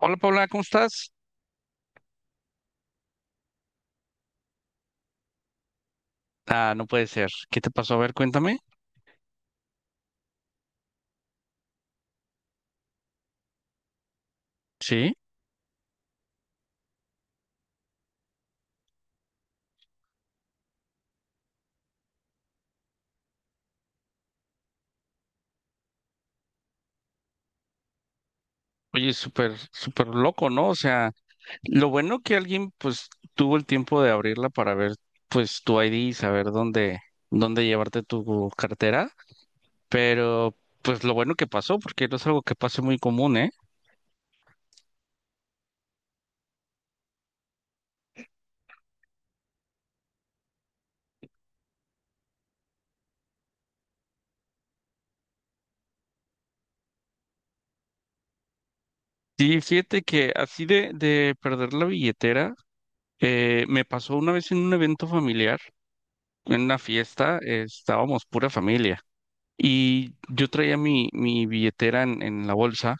Hola Paula, ¿cómo estás? Ah, no puede ser. ¿Qué te pasó? A ver, cuéntame. Sí. Oye, súper loco, ¿no? O sea, lo bueno que alguien pues tuvo el tiempo de abrirla para ver pues tu ID y saber dónde llevarte tu cartera, pero pues lo bueno que pasó, porque no es algo que pase muy común, ¿eh? Sí, fíjate que así de perder la billetera, me pasó una vez en un evento familiar, en una fiesta, estábamos pura familia. Y yo traía mi billetera en la bolsa.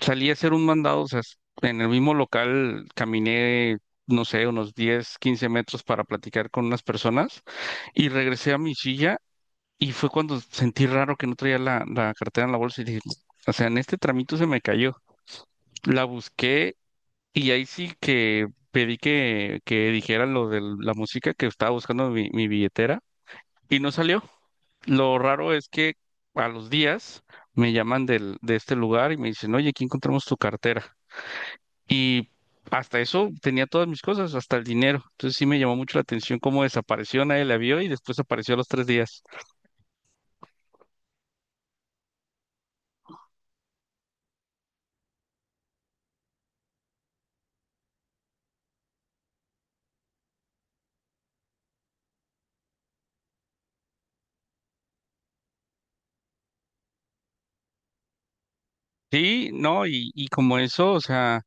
Salí a hacer un mandado, o sea, en el mismo local caminé, no sé, unos 10 15 metros para platicar con unas personas y regresé a mi silla y fue cuando sentí raro que no traía la cartera en la bolsa y dije, o sea, en este tramito se me cayó. La busqué y ahí sí que pedí que dijera lo de la música que estaba buscando mi billetera y no salió. Lo raro es que a los días me llaman de este lugar y me dicen, oye, aquí encontramos tu cartera. Y hasta eso tenía todas mis cosas, hasta el dinero. Entonces sí me llamó mucho la atención cómo desapareció, nadie la vio y después apareció a los tres días. Sí, no, y como eso, o sea,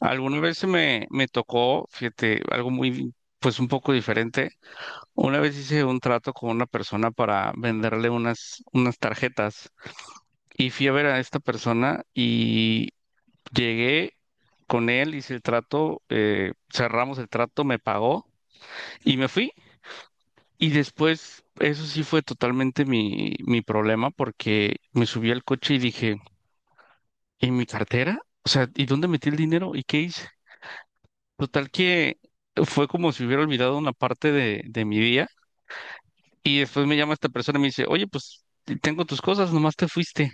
alguna vez me tocó, fíjate, algo pues un poco diferente. Una vez hice un trato con una persona para venderle unas tarjetas y fui a ver a esta persona y llegué con él, hice el trato, cerramos el trato, me pagó y me fui. Y después, eso sí fue totalmente mi problema porque me subí al coche y dije, ¿y mi cartera? O sea, ¿y dónde metí el dinero? ¿Y qué hice? Total que fue como si hubiera olvidado una parte de mi día. Y después me llama esta persona y me dice, oye, pues tengo tus cosas, nomás te fuiste.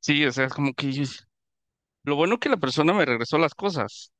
Sí, o sea, es como que lo bueno que la persona me regresó las cosas.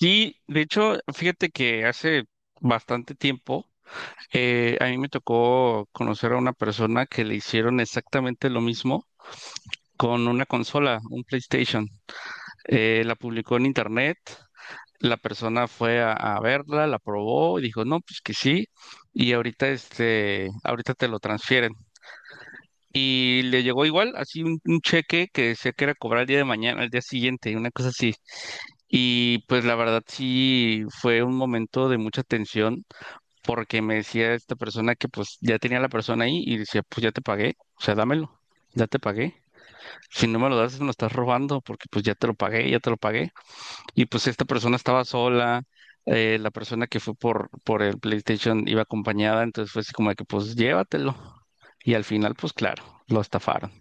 Sí, de hecho, fíjate que hace bastante tiempo a mí me tocó conocer a una persona que le hicieron exactamente lo mismo con una consola, un PlayStation. La publicó en internet, la persona fue a verla, la probó y dijo, no, pues que sí, y ahorita este, ahorita te lo transfieren. Y le llegó igual, así un cheque que sé que era cobrar el día de mañana, el día siguiente, una cosa así. Y pues la verdad sí fue un momento de mucha tensión porque me decía esta persona que pues ya tenía la persona ahí y decía, pues ya te pagué, o sea, dámelo, ya te pagué. Si no me lo das, me lo estás robando porque pues ya te lo pagué, ya te lo pagué. Y pues esta persona estaba sola, la persona que fue por el PlayStation iba acompañada, entonces fue así como de que pues llévatelo. Y al final pues claro, lo estafaron.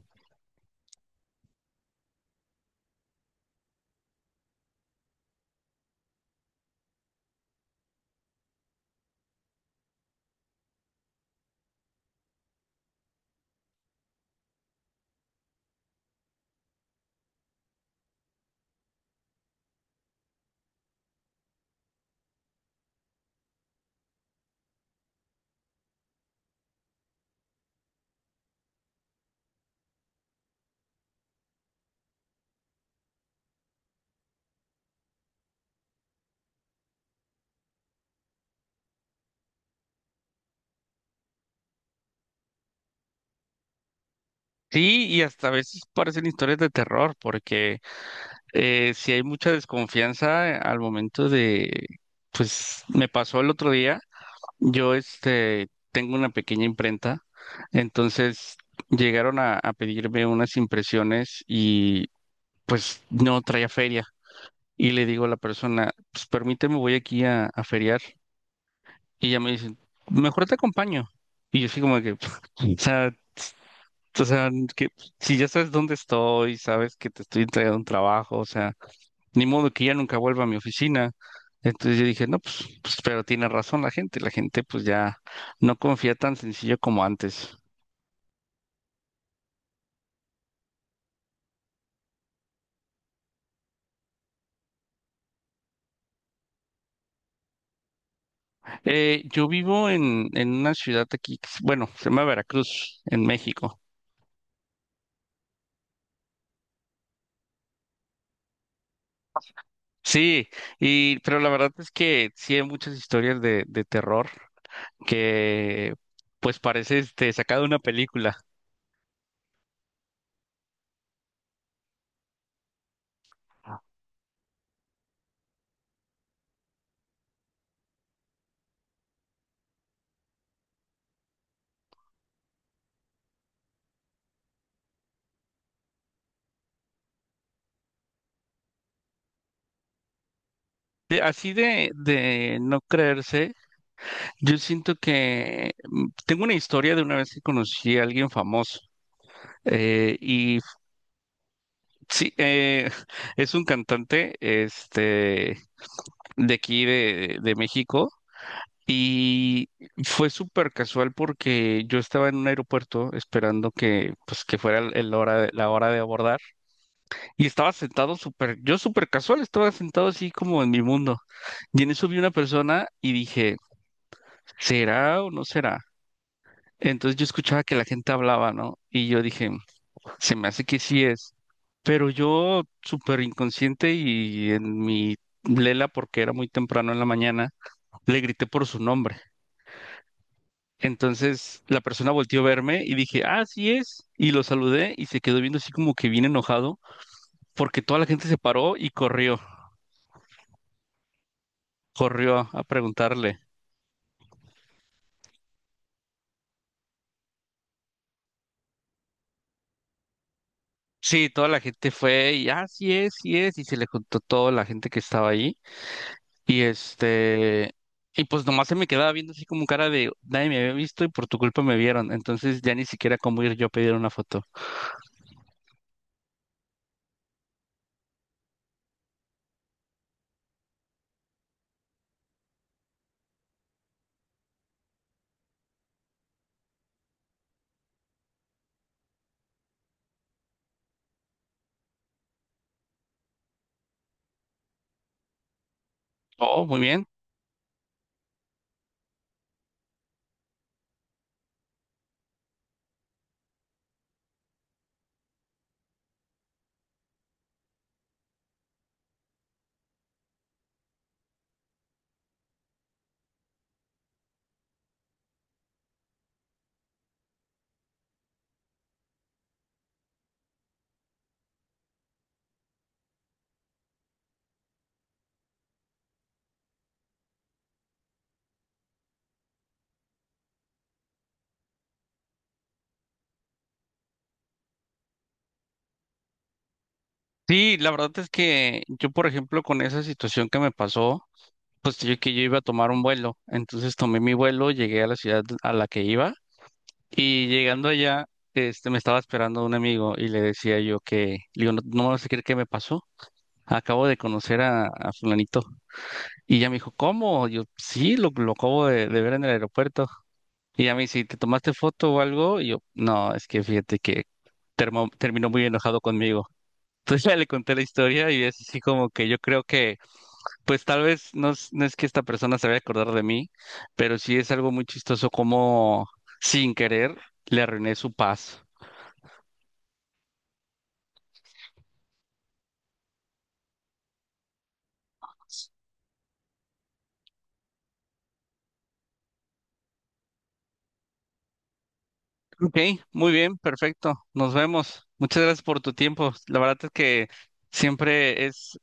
Sí, y hasta a veces parecen historias de terror, porque si hay mucha desconfianza al momento de, pues me pasó el otro día, yo este tengo una pequeña imprenta, entonces llegaron a pedirme unas impresiones y pues no traía feria. Y le digo a la persona, pues permíteme, voy aquí a feriar. Y ella me dice, mejor te acompaño. Y yo así como que, sea, o sea, que si ya sabes dónde estoy, sabes que te estoy entregando un trabajo, o sea, ni modo que ya nunca vuelva a mi oficina. Entonces yo dije, no, pues, pero tiene razón la gente pues ya no confía tan sencillo como antes. Yo vivo en una ciudad aquí, bueno, se llama Veracruz, en México. Sí, y, pero la verdad es que sí hay muchas historias de terror que pues parece este, sacada de una película. Así de no creerse. Yo siento que tengo una historia de una vez que conocí a alguien famoso. eh, y f- sí, es un cantante este, de aquí de México. Y fue súper casual porque yo estaba en un aeropuerto esperando que, pues, que fuera la hora de abordar. Y estaba sentado súper, yo súper casual, estaba sentado así como en mi mundo. Y en eso vi una persona y dije, ¿será o no será? Entonces yo escuchaba que la gente hablaba, ¿no? Y yo dije, se me hace que sí es. Pero yo, súper inconsciente y en mi lela, porque era muy temprano en la mañana, le grité por su nombre. Entonces la persona volteó a verme y dije, ah, sí es. Y lo saludé y se quedó viendo así como que bien enojado, porque toda la gente se paró y corrió, corrió a preguntarle. Sí, toda la gente fue y, ah, sí es, sí es. Y se le contó toda la gente que estaba ahí. Y este, y pues nomás se me quedaba viendo así como cara de nadie me había visto y por tu culpa me vieron. Entonces ya ni siquiera cómo ir yo a pedir una foto. Oh, muy bien. Sí, la verdad es que yo, por ejemplo, con esa situación que me pasó, pues yo iba a tomar un vuelo. Entonces tomé mi vuelo, llegué a la ciudad a la que iba y llegando allá, este, me estaba esperando un amigo y le decía yo que, le digo, no, no me vas a creer qué me pasó. Acabo de conocer a fulanito. Y ya me dijo, ¿cómo? Yo, sí, lo acabo de ver en el aeropuerto. Y ya me dice, ¿te tomaste foto o algo? Y yo, no, es que fíjate que terminó muy enojado conmigo. Entonces ya le conté la historia y es así como que yo creo que, pues tal vez no es que esta persona se vaya a acordar de mí, pero sí es algo muy chistoso como sin querer le arruiné su paz. Ok, muy bien, perfecto. Nos vemos. Muchas gracias por tu tiempo. La verdad es que siempre es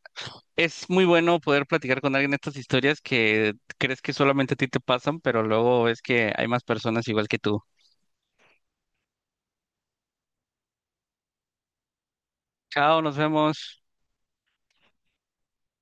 Es muy bueno poder platicar con alguien estas historias que crees que solamente a ti te pasan, pero luego ves que hay más personas igual que tú. Chao, nos vemos.